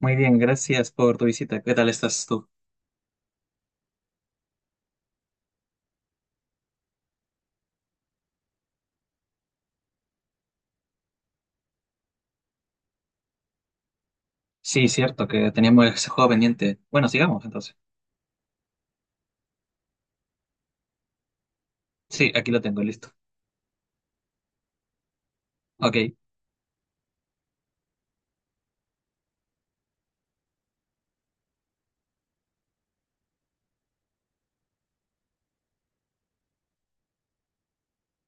Muy bien, gracias por tu visita. ¿Qué tal estás tú? Sí, cierto que teníamos ese juego pendiente. Bueno, sigamos entonces. Sí, aquí lo tengo, listo. Ok.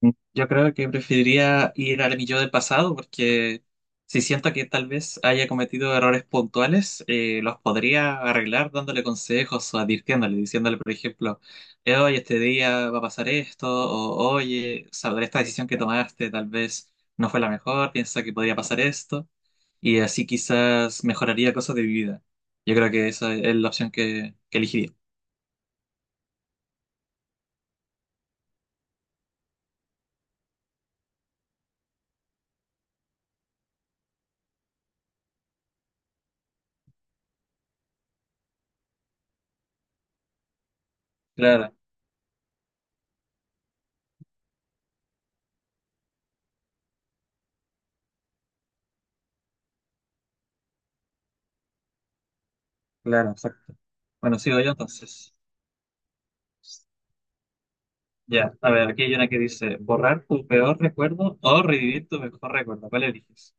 Yo creo que preferiría ir al mi yo del pasado porque si siento que tal vez haya cometido errores puntuales, los podría arreglar dándole consejos o advirtiéndole, diciéndole, por ejemplo, oye, este día va a pasar esto, o oye, sobre esta decisión que tomaste tal vez no fue la mejor, piensa que podría pasar esto. Y así quizás mejoraría cosas de mi vida. Yo creo que esa es la opción que elegiría. Claro, claro, exacto. Bueno, sigo yo entonces. Ya, a ver, aquí hay una que dice, borrar tu peor recuerdo o revivir tu mejor recuerdo. ¿Cuál eliges?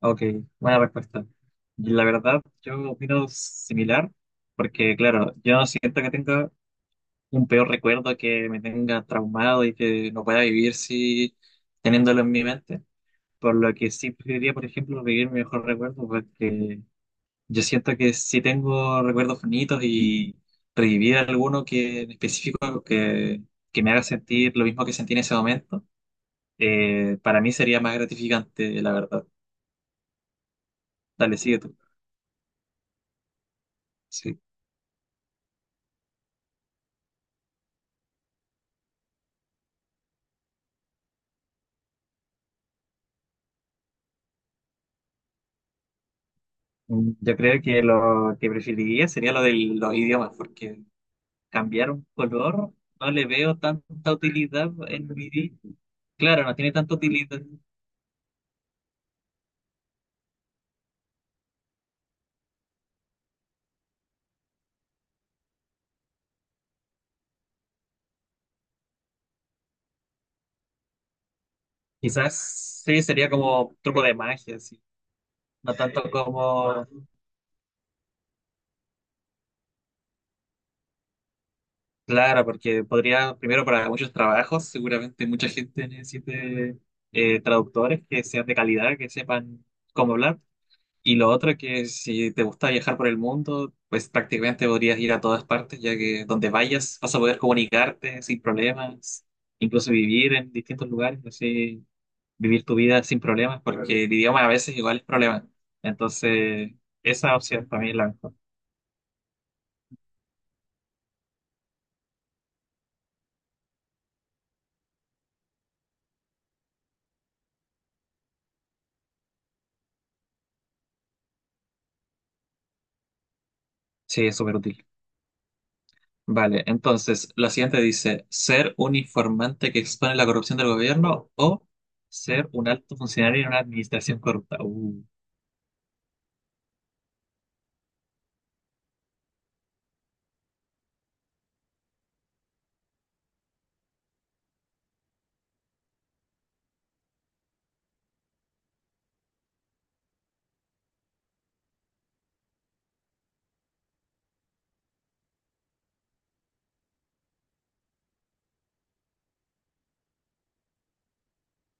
Ok, buena respuesta. Y la verdad, yo opino similar, porque claro, yo no siento que tenga un peor recuerdo que me tenga traumado y que no pueda vivir si teniéndolo en mi mente. Por lo que sí preferiría, por ejemplo, vivir mi mejor recuerdo, porque yo siento que si tengo recuerdos bonitos y revivir alguno que en específico que me haga sentir lo mismo que sentí en ese momento, para mí sería más gratificante, la verdad. Dale, sigue tú. Sí. Yo creo que lo que preferiría sería lo de los idiomas, porque cambiar un color no le veo tanta utilidad en mi vida. Claro, no tiene tanta utilidad. Quizás sí, sería como truco de magia, sí. No tanto como, claro, porque podría, primero para muchos trabajos, seguramente mucha gente necesite traductores que sean de calidad, que sepan cómo hablar. Y lo otro que si te gusta viajar por el mundo, pues prácticamente podrías ir a todas partes, ya que donde vayas vas a poder comunicarte sin problemas, incluso vivir en distintos lugares, así vivir tu vida sin problemas, porque el idioma a veces igual es problema. Entonces, esa opción para mí es la mejor. Sí, es súper útil. Vale, entonces, la siguiente dice, ser un informante que expone la corrupción del gobierno o ser un alto funcionario en una administración corrupta.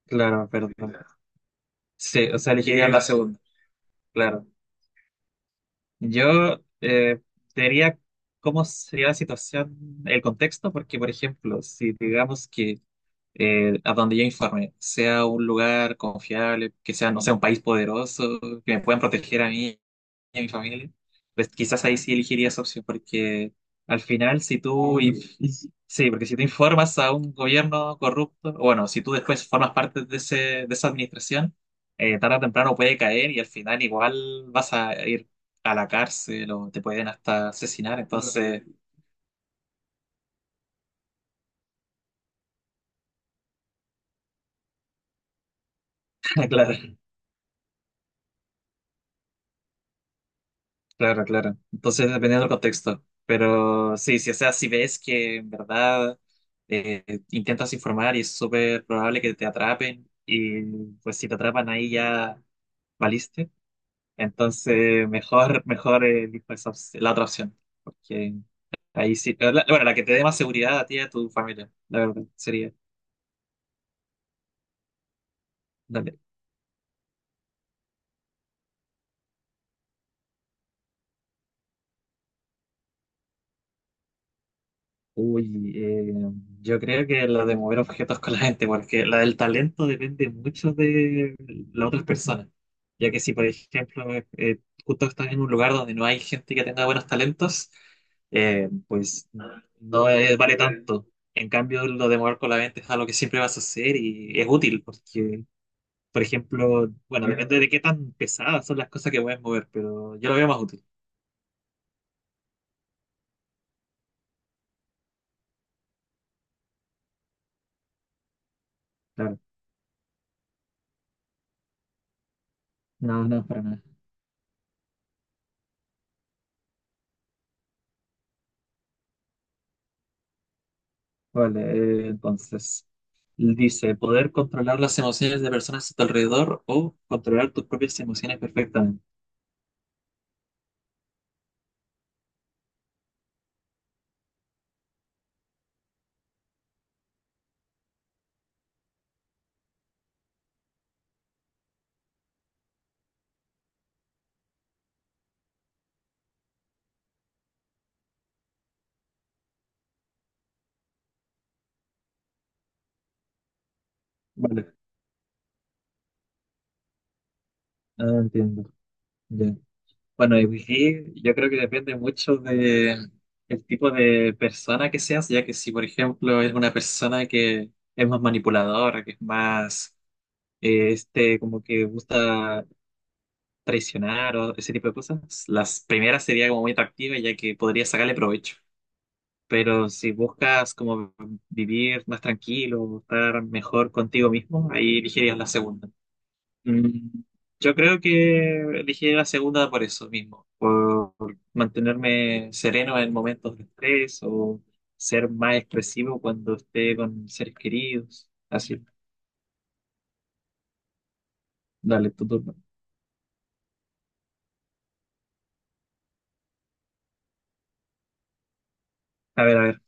Claro, perdón. Sí, o sea, elegiría la segunda, claro. Yo diría cómo sería la situación, el contexto, porque, por ejemplo, si digamos que a donde yo informe, sea un lugar confiable, que sea, no sea un país poderoso, que me puedan proteger a mí y a mi familia, pues quizás ahí sí elegiría esa opción, porque al final si tú, sí, porque si te informas a un gobierno corrupto, o bueno, si tú después formas parte de ese, de esa administración, tarde o temprano puede caer y al final igual vas a ir a la cárcel o te pueden hasta asesinar, entonces, claro. Claro, claro. Entonces, dependiendo del contexto. Pero sí, sí, o sea, si ves que en verdad eh, intentas informar y es súper probable que te atrapen, y pues si te atrapan ahí ya valiste. Entonces, mejor elijo esa la otra opción. Porque ahí sí. Pero bueno, la que te dé más seguridad a ti y a tu familia, la verdad, sería. Dale. Uy, yo creo que la de mover objetos con la gente, porque la del talento depende mucho de las otras personas. Ya que si, por ejemplo, eh, justo estás en un lugar donde no hay gente que tenga buenos talentos, pues no es- vale tanto. En cambio, lo de mover con la mente es algo que siempre vas a hacer y es útil porque, por ejemplo, bueno, depende de qué tan pesadas son las cosas que puedes mover, pero yo lo veo más útil. Claro. No, no, para nada. Vale, entonces. Dice, poder controlar las emociones de personas a tu alrededor o controlar tus propias emociones perfectamente. Ah, entiendo. Ya. Bueno, y aquí yo creo que depende mucho de el tipo de persona que seas, ya que si, por ejemplo, es una persona que es más manipuladora, que es más, este, como que gusta traicionar o ese tipo de cosas, las primeras sería como muy atractiva, ya que podría sacarle provecho. Pero si buscas como vivir más tranquilo, estar mejor contigo mismo, ahí elegirías la segunda. Mm, Yo creo que elegiría la segunda por eso mismo, por mantenerme sereno en momentos de estrés o ser más expresivo cuando esté con seres queridos. Así, dale, tu turno. A ver, a ver.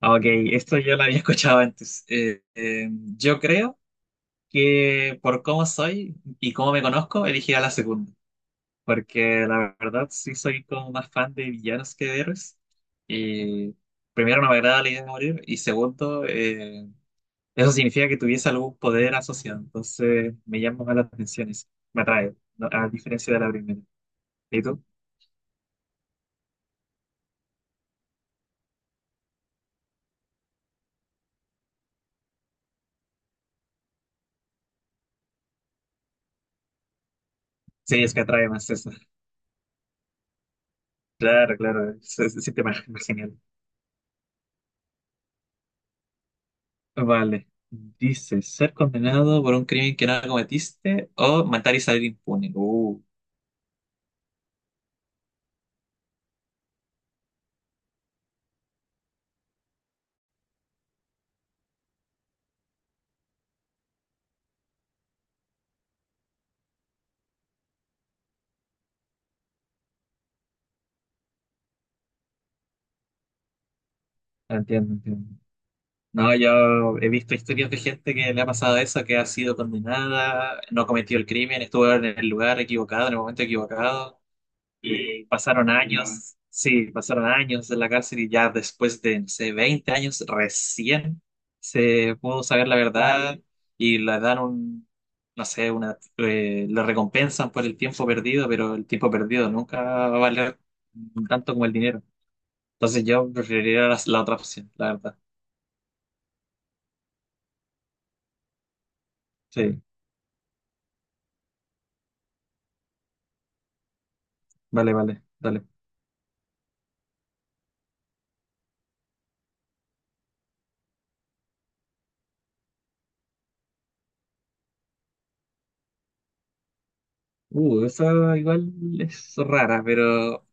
Ah, Ok, esto yo lo había escuchado antes. Yo creo que por cómo soy y cómo me conozco, elegiría la segunda. Porque la verdad sí soy como más fan de villanos que de héroes. Y primero no me agrada la idea de morir y segundo, eso significa que tuviese algún poder asociado. Entonces me llama más la atención eso, me atrae, a diferencia de la primera. ¿Y tú? Sí, es que atrae más eso. Claro, claro, se siente más, más genial. Vale. Dice, ser condenado por un crimen que no cometiste o matar y salir impune. Entiendo, entiendo. No, yo he visto historias de gente que le ha pasado eso, que ha sido condenada, no cometió el crimen, estuvo en el lugar equivocado, en el momento equivocado, y pasaron años, sí, pasaron años en la cárcel y ya después de, no sé, 20 años recién se pudo saber la verdad y le dan un, no sé, una, le recompensan por el tiempo perdido, pero el tiempo perdido nunca va a valer tanto como el dinero. Entonces yo preferiría la otra opción, la verdad. Sí, vale, vale, dale. Esa igual es rara, pero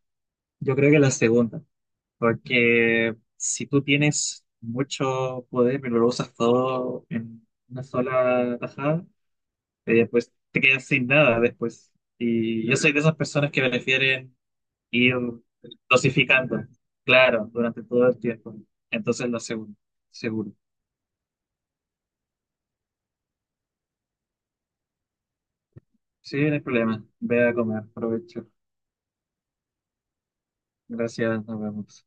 yo creo que la segunda, porque si tú tienes mucho poder, pero lo usas todo en una sola tajada, pues te quedas sin nada después. Y yo soy de esas personas que prefieren ir dosificando, claro, durante todo el tiempo. Entonces la segunda, seguro. Sí, no hay problema. Ve a comer, provecho. Gracias, nos vemos.